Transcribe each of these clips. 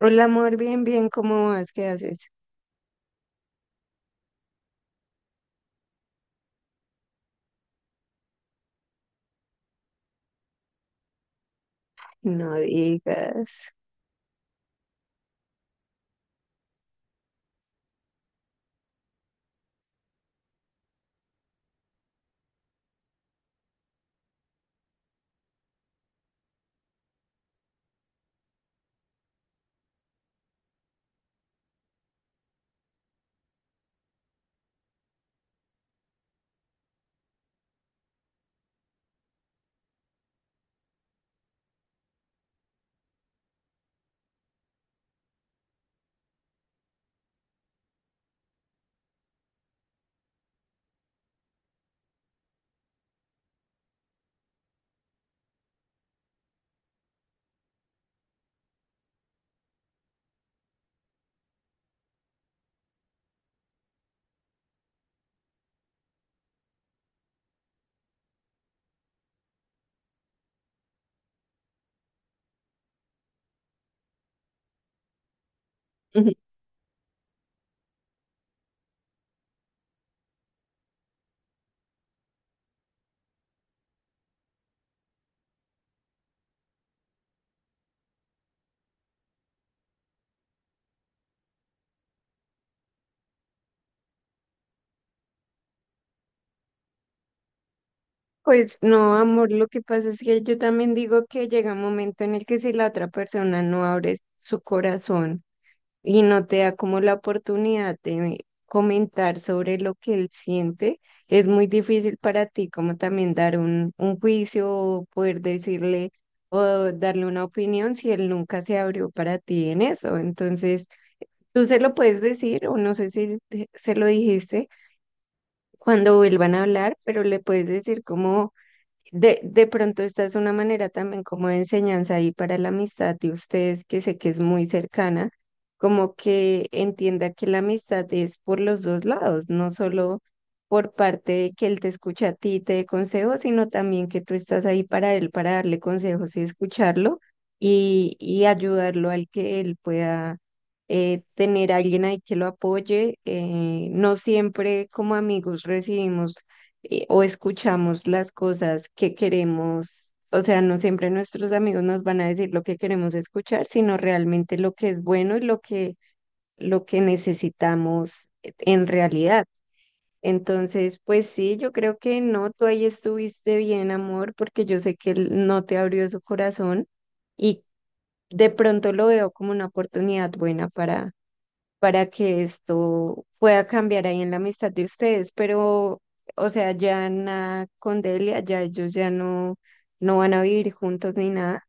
Hola, amor, bien, bien, ¿cómo vas? ¿Qué haces? No digas. Ujú. Pues no, amor, lo que pasa es que yo también digo que llega un momento en el que si la otra persona no abre su corazón y no te da como la oportunidad de comentar sobre lo que él siente, es muy difícil para ti como también dar un juicio o poder decirle o darle una opinión si él nunca se abrió para ti en eso. Entonces, tú se lo puedes decir, o no sé si se lo dijiste cuando vuelvan a hablar, pero le puedes decir como, de pronto esta es una manera también como de enseñanza ahí para la amistad de ustedes, que sé que es muy cercana, como que entienda que la amistad es por los dos lados, no solo por parte de que él te escucha a ti, y te dé consejos, sino también que tú estás ahí para él, para darle consejos y escucharlo y ayudarlo al que él pueda tener a alguien ahí que lo apoye. Eh, no siempre como amigos recibimos o escuchamos las cosas que queremos. O sea, no siempre nuestros amigos nos van a decir lo que queremos escuchar, sino realmente lo que es bueno y lo que necesitamos en realidad. Entonces, pues sí, yo creo que no, tú ahí estuviste bien, amor, porque yo sé que él no te abrió su corazón y de pronto lo veo como una oportunidad buena para que esto pueda cambiar ahí en la amistad de ustedes, pero, o sea, ya Ana con Delia, ya ellos no van a vivir juntos ni nada.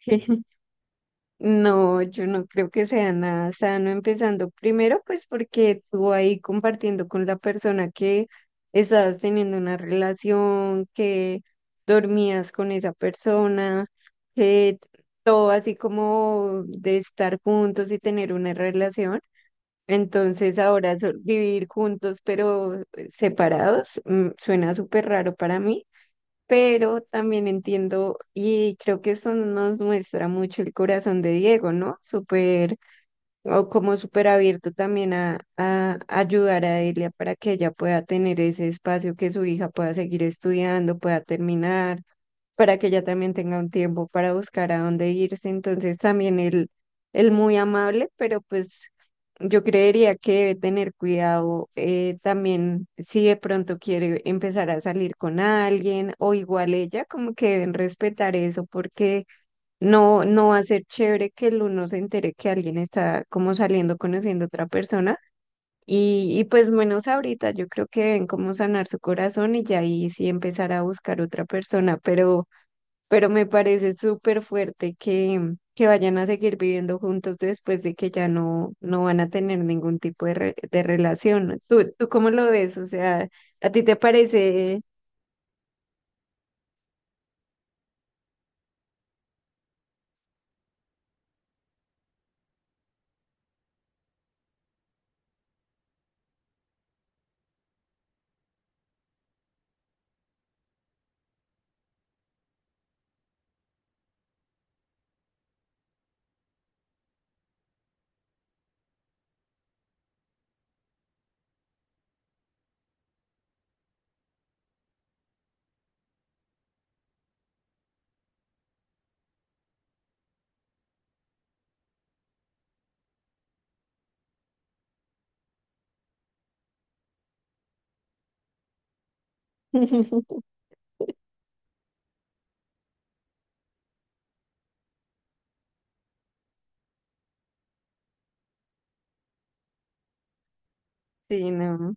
No, yo no creo que sea nada sano empezando primero, pues porque tú ahí compartiendo con la persona que estabas teniendo una relación, que dormías con esa persona, que todo así como de estar juntos y tener una relación. Entonces ahora vivir juntos pero separados suena súper raro para mí, pero también entiendo y creo que esto nos muestra mucho el corazón de Diego, ¿no? Súper o como súper abierto también a ayudar a Elia para que ella pueda tener ese espacio, que su hija pueda seguir estudiando, pueda terminar para que ella también tenga un tiempo para buscar a dónde irse. Entonces también él muy amable, pero pues yo creería que debe tener cuidado también si de pronto quiere empezar a salir con alguien o igual ella, como que deben respetar eso porque no va a ser chévere que el uno se entere que alguien está como saliendo, conociendo a otra persona. Y pues menos ahorita, yo creo que deben como sanar su corazón y ya ahí sí empezar a buscar otra persona, pero me parece súper fuerte que vayan a seguir viviendo juntos después de que ya no van a tener ningún tipo de relación. ¿Tú cómo lo ves? O sea, ¿a ti te parece? Sí, no.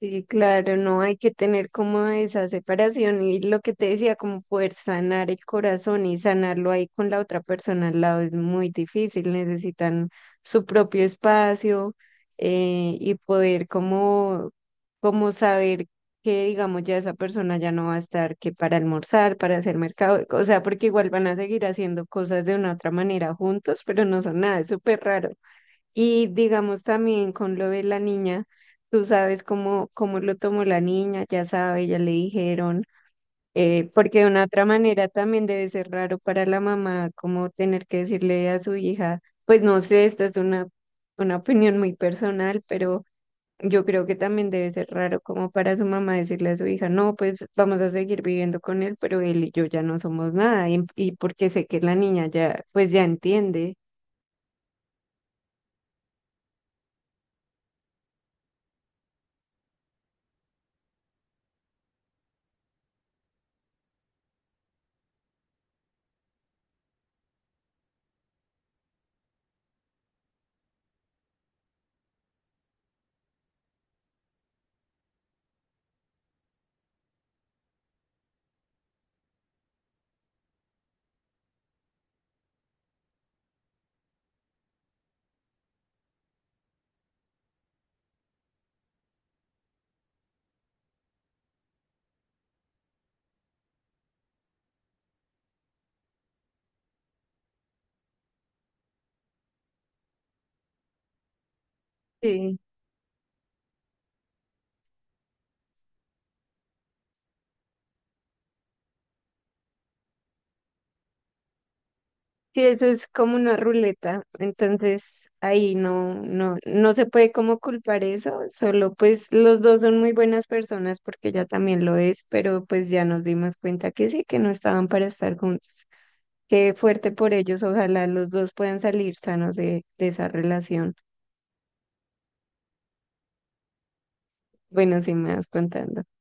Sí, claro, no hay que tener como esa separación y lo que te decía, como poder sanar el corazón y sanarlo ahí con la otra persona al lado es muy difícil, necesitan su propio espacio y poder como saber que digamos ya esa persona ya no va a estar que para almorzar, para hacer mercado, o sea, porque igual van a seguir haciendo cosas de una otra manera juntos, pero no son nada, es súper raro. Y digamos también con lo de la niña, tú sabes cómo lo tomó la niña, ya sabe, ya le dijeron, porque de una otra manera también debe ser raro para la mamá como tener que decirle a su hija, pues no sé, una opinión muy personal, pero yo creo que también debe ser raro como para su mamá decirle a su hija, no, pues vamos a seguir viviendo con él, pero él y yo ya no somos nada, y porque sé que la niña ya, pues ya entiende. Sí. Sí, eso es como una ruleta, entonces ahí no se puede como culpar eso, solo pues los dos son muy buenas personas porque ella también lo es, pero pues ya nos dimos cuenta que sí, que no estaban para estar juntos. Qué fuerte por ellos, ojalá los dos puedan salir sanos de esa relación. Bueno, sí me vas contando.